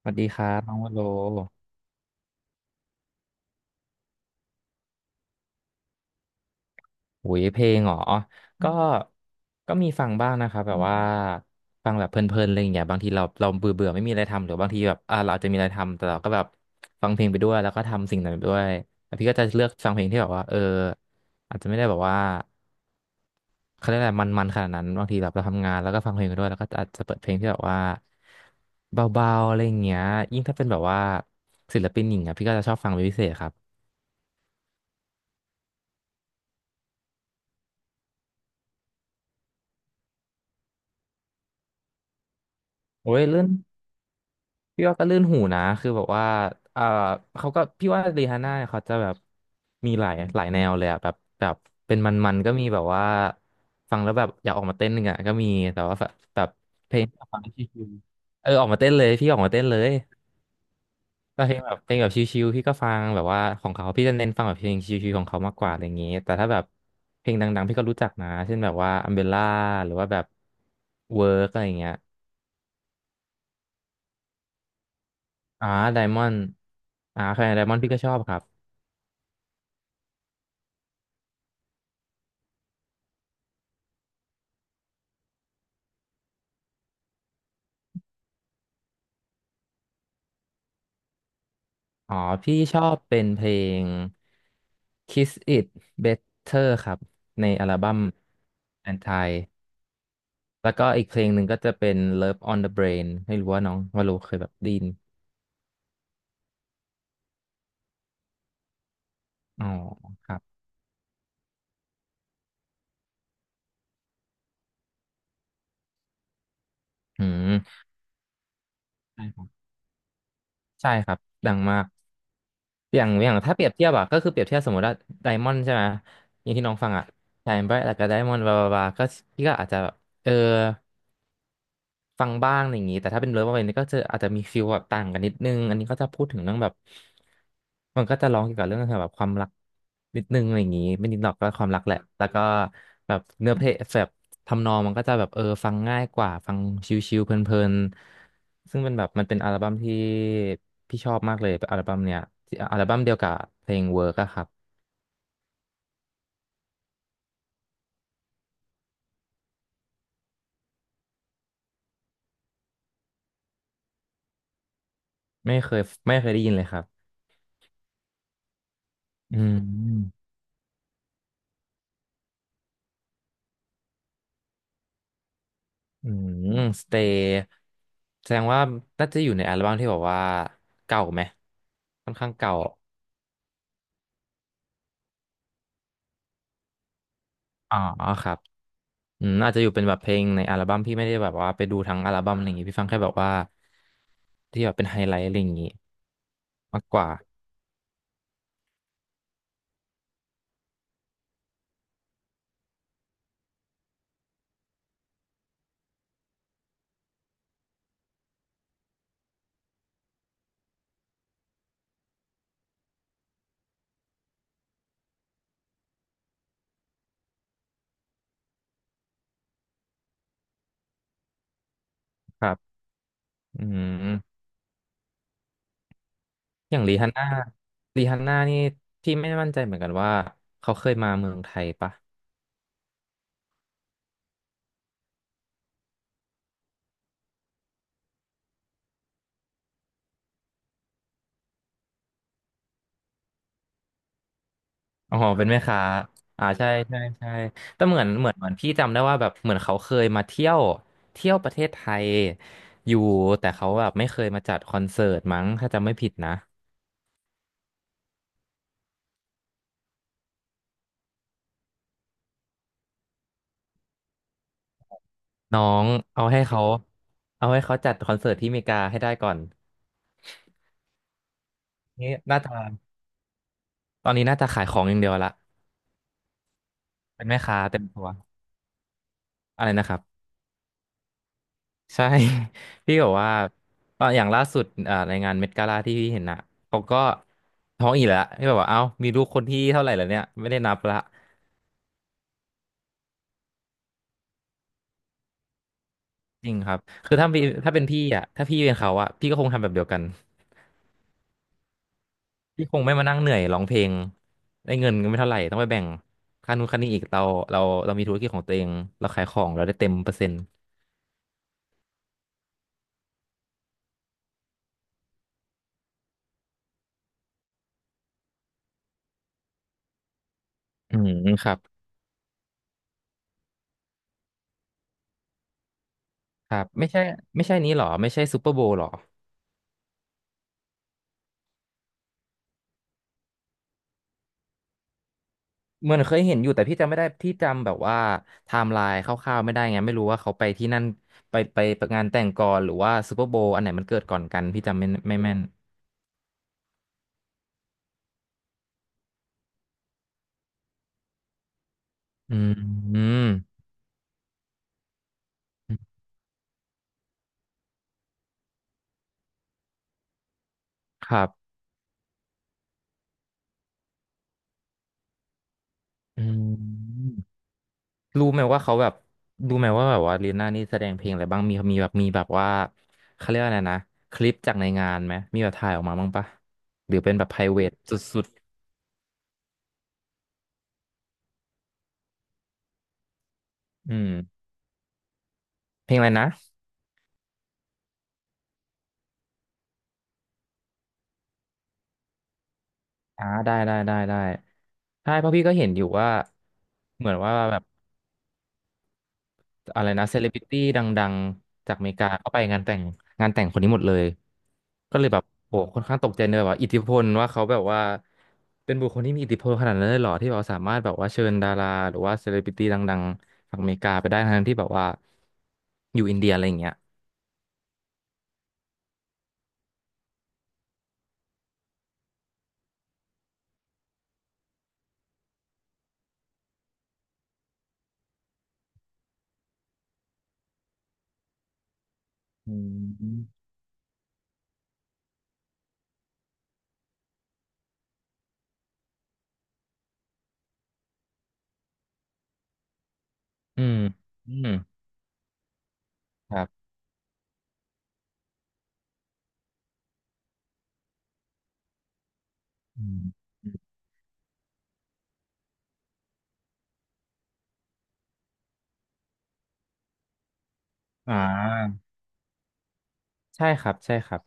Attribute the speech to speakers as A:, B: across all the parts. A: สวัสดีครับน้องวโลหุยเพลงเหรอก็ก็มีฟังบ้างนะครับแบบว่าฟังแบบเพลินๆอะไรอย่างเงี้ยบางทีเราเบื่อเบื่อไม่มีอะไรทำหรือบางทีแบบเราอาจจะมีอะไรทำ แต่เราก็แบบฟังเพลงไปด้วยแล้วก็ทำสิ่งนั้นไปด้วยแล้วพี่ก็จะเลือกฟังเพลงที่แบบว่าเอออาจจะไม่ได้แบบว่าเขาเรียกอะไรมันๆขนาดนั้นบางทีแบบเราทำงานแล้วก็ฟังเพลงไปด้วยแล้วก็อาจจะเปิดเพลงที่แบบว่าเบาๆอะไรอย่างเงี้ยยิ่งถ้าเป็นแบบว่าศิลปินหญิงอ่ะพี่ก็จะชอบฟังเป็นพิเศษครับโอ้ยเรื่อง พี่ว่าก็ลื่นหูนะคือแบบว่าเอ่อเขาก็พี่ว่ารีฮาน่าเนี่ยเขาจะแบบมีหลายหลายแนวเลยอะแบบเป็นมันๆก็มีแบบว่าฟังแล้วแบบอยากออกมาเต้นหนึ่งอะก็มีแต่ว่าแบบเพลงที่ฟังชิวๆเออออกมาเต้นเลยพี่ออกมาเต้นเลยก็เพลงแบบเพลงแบบชิวๆพี่ก็ฟังแบบว่าของเขาพี่จะเน้นฟังแบบเพลงชิวๆของเขามากกว่าอะไรอย่างงี้แต่ถ้าแบบเพลงดังๆพี่ก็รู้จักนะเช่นแบบว่าอัมเบล่าหรือว่าแบบเวิร์กอะไรอย่างเงี้ยอ่าไดมอนด์อ่าใครไดมอนด์พี่ก็ชอบครับ อ๋อพี่ชอบเป็นเพลง Kiss It Better ครับในอัลบั้ม Anti แล้วก็อีกเพลงหนึ่งก็จะเป็น Love on the Brain ไม่รู้ว่าน้องวาโลเคยแบบไดยินอ๋อครับอืมใช่ครับใช่ครับดังมากอย่างอย่างถ้าเปรียบเทียบอะก็คือเปรียบเทียบสมมติว่าไดมอนด์ใช่ไหมอย่างที่น้องฟังอะ Shine Bright แล้วก็ Diamond บลาบลาบลาก็พี่ก็อาจจะแบบเออ ฟังบ้างอะไรอย่างนี้แต่ถ้าเป็นเลิฟอะไรนี่ก็จะอาจจะมีฟีลแบบต่างกันนิดนึงอันนี้ก็จะพูดถึงเรื่องแบบมันก็จะร้องเกี่ยวกับเรื่องแบบความรักนิดนึงอะไรอย่างนี้ไม่นิดหรอกก็ความรักแหละแล้วก็แบบเนื้อเพลงแบบทำนองมันก็จะแบบเออฟังง่ายกว่าฟังชิลๆเพลินๆซึ่งเป็นแบบมันเป็นอัลบั้มที่พี่ชอบมากเลยอัลบั้มเนี้ยอัลบั้มเดียวกับเพลงเวิร์กอะครับไม่เคยไม่เคยได้ยินเลยครับอืม อืมสเตย์แสดงว่าน่าจะอยู่ในอัลบั้มที่แบอกว่าเก่าไหมค่อนข้างเก่าอ๋อครับอืมอาจจะอยู่เป็นแบบเพลงในอัลบั้มพี่ไม่ได้แบบว่าไปดูทั้งอัลบั้มอะไรอย่างงี้พี่ฟังแค่แบบว่าที่แบบเป็นไฮไลท์อะไรอย่างงี้มากกว่าครับอืมอย่างรีฮันน่ารีฮันน่านี่พี่ไม่มั่นใจเหมือนกันว่าเขาเคยมาเมืองไทยปะ อ๋อเป็นแม่ค้าอ่าใช่ใช่ใช่ แต่เหมือนพี่จำได้ว่าแบบเหมือนเขาเคยมาเที่ยวเที่ยวประเทศไทยอยู่แต่เขาแบบไม่เคยมาจัดคอนเสิร์ตมั้งถ้าจำไม่ผิดนะน้องเอาให้เขาเอาให้เขาจัดคอนเสิร์ตที่อเมริกาให้ได้ก่อนนี่น่าจะตอนนี้น่าจะขายของอย่างเดียวละเป็นแม่ค้าเต็มตัวอะไรนะครับใช่ พี่บอกว่าตอนอย่างล่าสุดอ่าในงานเมดกาลาที่พี่เห็นน่ะเขาก็ท้องอีกแล้วพี่บอกว่าเอ้ามีลูกคนที่เท่าไหร่แล้วเนี่ยไม่ได้นับละ จริงครับคือถ้าพี่ถ้าเป็นพี่อ่ะถ้าพี่เป็นเขาอ่ะ พี่ก็คงทำแบบเดียวกัน พี่คงไม่มานั่งเหนื่อยร้องเพลง ได้เงินก็ไม่เท่าไหร่ ต้องไปแบ่งค่านู้นค่านี้อีก เราเรามีธุรกิจของตัวเอง เราขายของเราได้เต็มเปอร์เซ็นต์ อืม ครับครับไม่ใช่ ไม่ใช่นี้หรอ ไม่ใช่ซูเปอร์โบว์หรอ เหมือนเคยเห็นอยู่แต่พี่จำไม่ได้ พี่จำแบบว่าไทม์ไลน์คร่าวๆไม่ได้ไงไม่รู้ว่าเขาไปที่นั่นไปงานแต่งก่อนหรือว่าซูเปอร์โบว์อันไหนมันเกิดก่อนกันพี่จำไม่แม่นอืมอืมครับอืม รู้ไหมว่าเขาแบบรู้ไหมว่าแบบว่าลีน่านี่แสดงเพลงอะไรบ้างมีแบบมีแบบว่าเขาเรียกว่าอะไรนะคลิปจากในงานไหมมีแบบถ่ายออกมาบ้างปะหรือเป็นแบบ private สุดๆอืมเพลงอะไรนะอ่าได้ใช่เพราะพี่ก็เห็นอยู่ว่าเหมือนว่าแบบ อะไรนะเซเลบริตี้ดังๆจากอเมริกาก็ไปงานแต่งงานแต่งคนนี้หมดเลยก็เลยแบบโหค่อนข้างตกใจเลยว่าอิทธิพลว่าเขาแบบว่าเป็นบุคคลที่มีอิทธิพลขนาดนั้นเลยเหรอที่แบบสามารถแบบว่าเชิญดาราหรือว่าเซเลบริตี้ดังๆจากอเมริกาไปได้ทั้งที่แบบว่าอยู่อินเดียอะไรอย่างเงี้ยอืมอืมอืมครับอืมอมอ่าใช่ครับใช่ครับ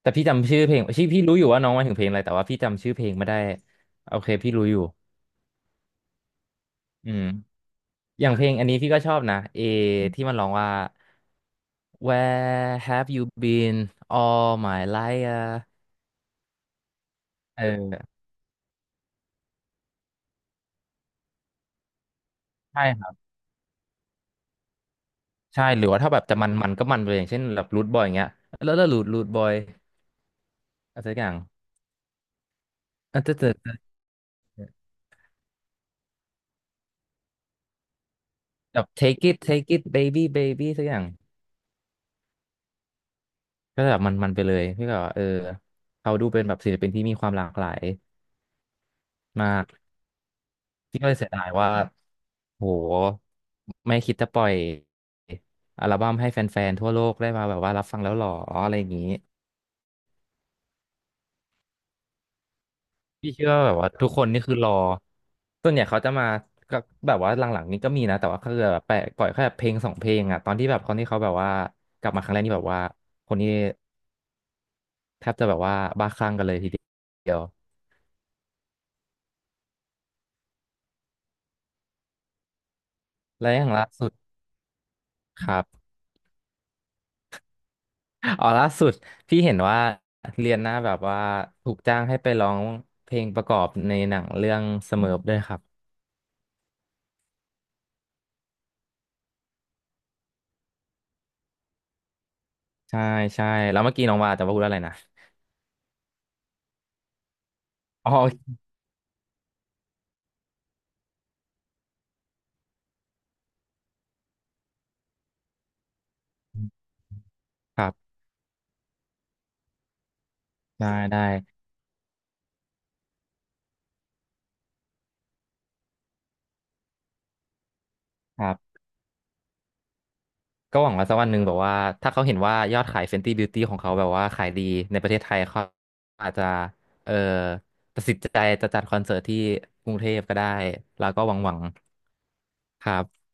A: แต่พี่จำชื่อเพลงชื่อพี่รู้อยู่ว่าน้องหมายถึงเพลงอะไรแต่ว่าพี่จำชื่อเพลงไม่ได้โอเคพี่รู้อยู่อืม อย่างเพลงอันนี้พี่ก็ชอบนะเอที่มันร้องว่า Where have you been all my life อะเออใช่ครับใช่หรือว่าถ้าแบบจะมันมันก็มันไปเลยอย่างเช่นแบบรูทบอยอย่างเงี้ยแล้วรูทบอยอะไรสักอย่างอ่ะจะจะจะแบบ take it take it baby baby สักอย่างก็จะแบบมันมันไปเลยพี่ก็แบบว่าเออเขาดูเป็นแบบศิลปินที่มีความหลากหลายมากพี่ก็เลยเสียดายว่า โหไม่คิดจะปล่อยอัลบั้มให้แฟนๆทั่วโลกได้มาแบบว่ารับฟังแล้วหรออะไรอย่างนี้พี่เชื่อว่าแบบว่าทุกคนนี่คือรอส่วนใหญ่เขาจะมาก็แบบว่าหลังๆนี้ก็มีนะแต่ว่าคือแบบแปะปล่อยแค่เพลงสองเพลงอ่ะตอนที่แบบคนที่เขาแบบว่ากลับมาครั้งแรกนี่แบบว่าคนนี้แทบจะแบบว่าบ้าคลั่งกันเลยทีเดียวและอย่างล่าสุดครับ อ๋อล่าสุดพี่เห็นว่าเรียนหน้าแบบว่าถูกจ้างให้ไปร้องเพลงประกอบในหนังเรื่องเสมอด้วยครับ ใช่ใช่แล้วเมื่อกี้น้องว่าแต่ว่าพูดอะไรนะอ๋อครับได้ได้ครับก็หวังว่าสักวันหนึ่งแบบว่าถ้าเขาเห็นว่ายอดขาย Fenty Beauty ของเขาแบบว่าขายดีในประเทศไทยเขาอาจจะเอ่อตัดสินใจจะจัดคอนเสิร์ตที่กรุงเทพก็ได้แล้วก็หวังหวังครับ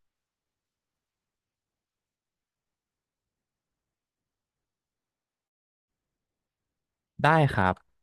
A: ได้ครับ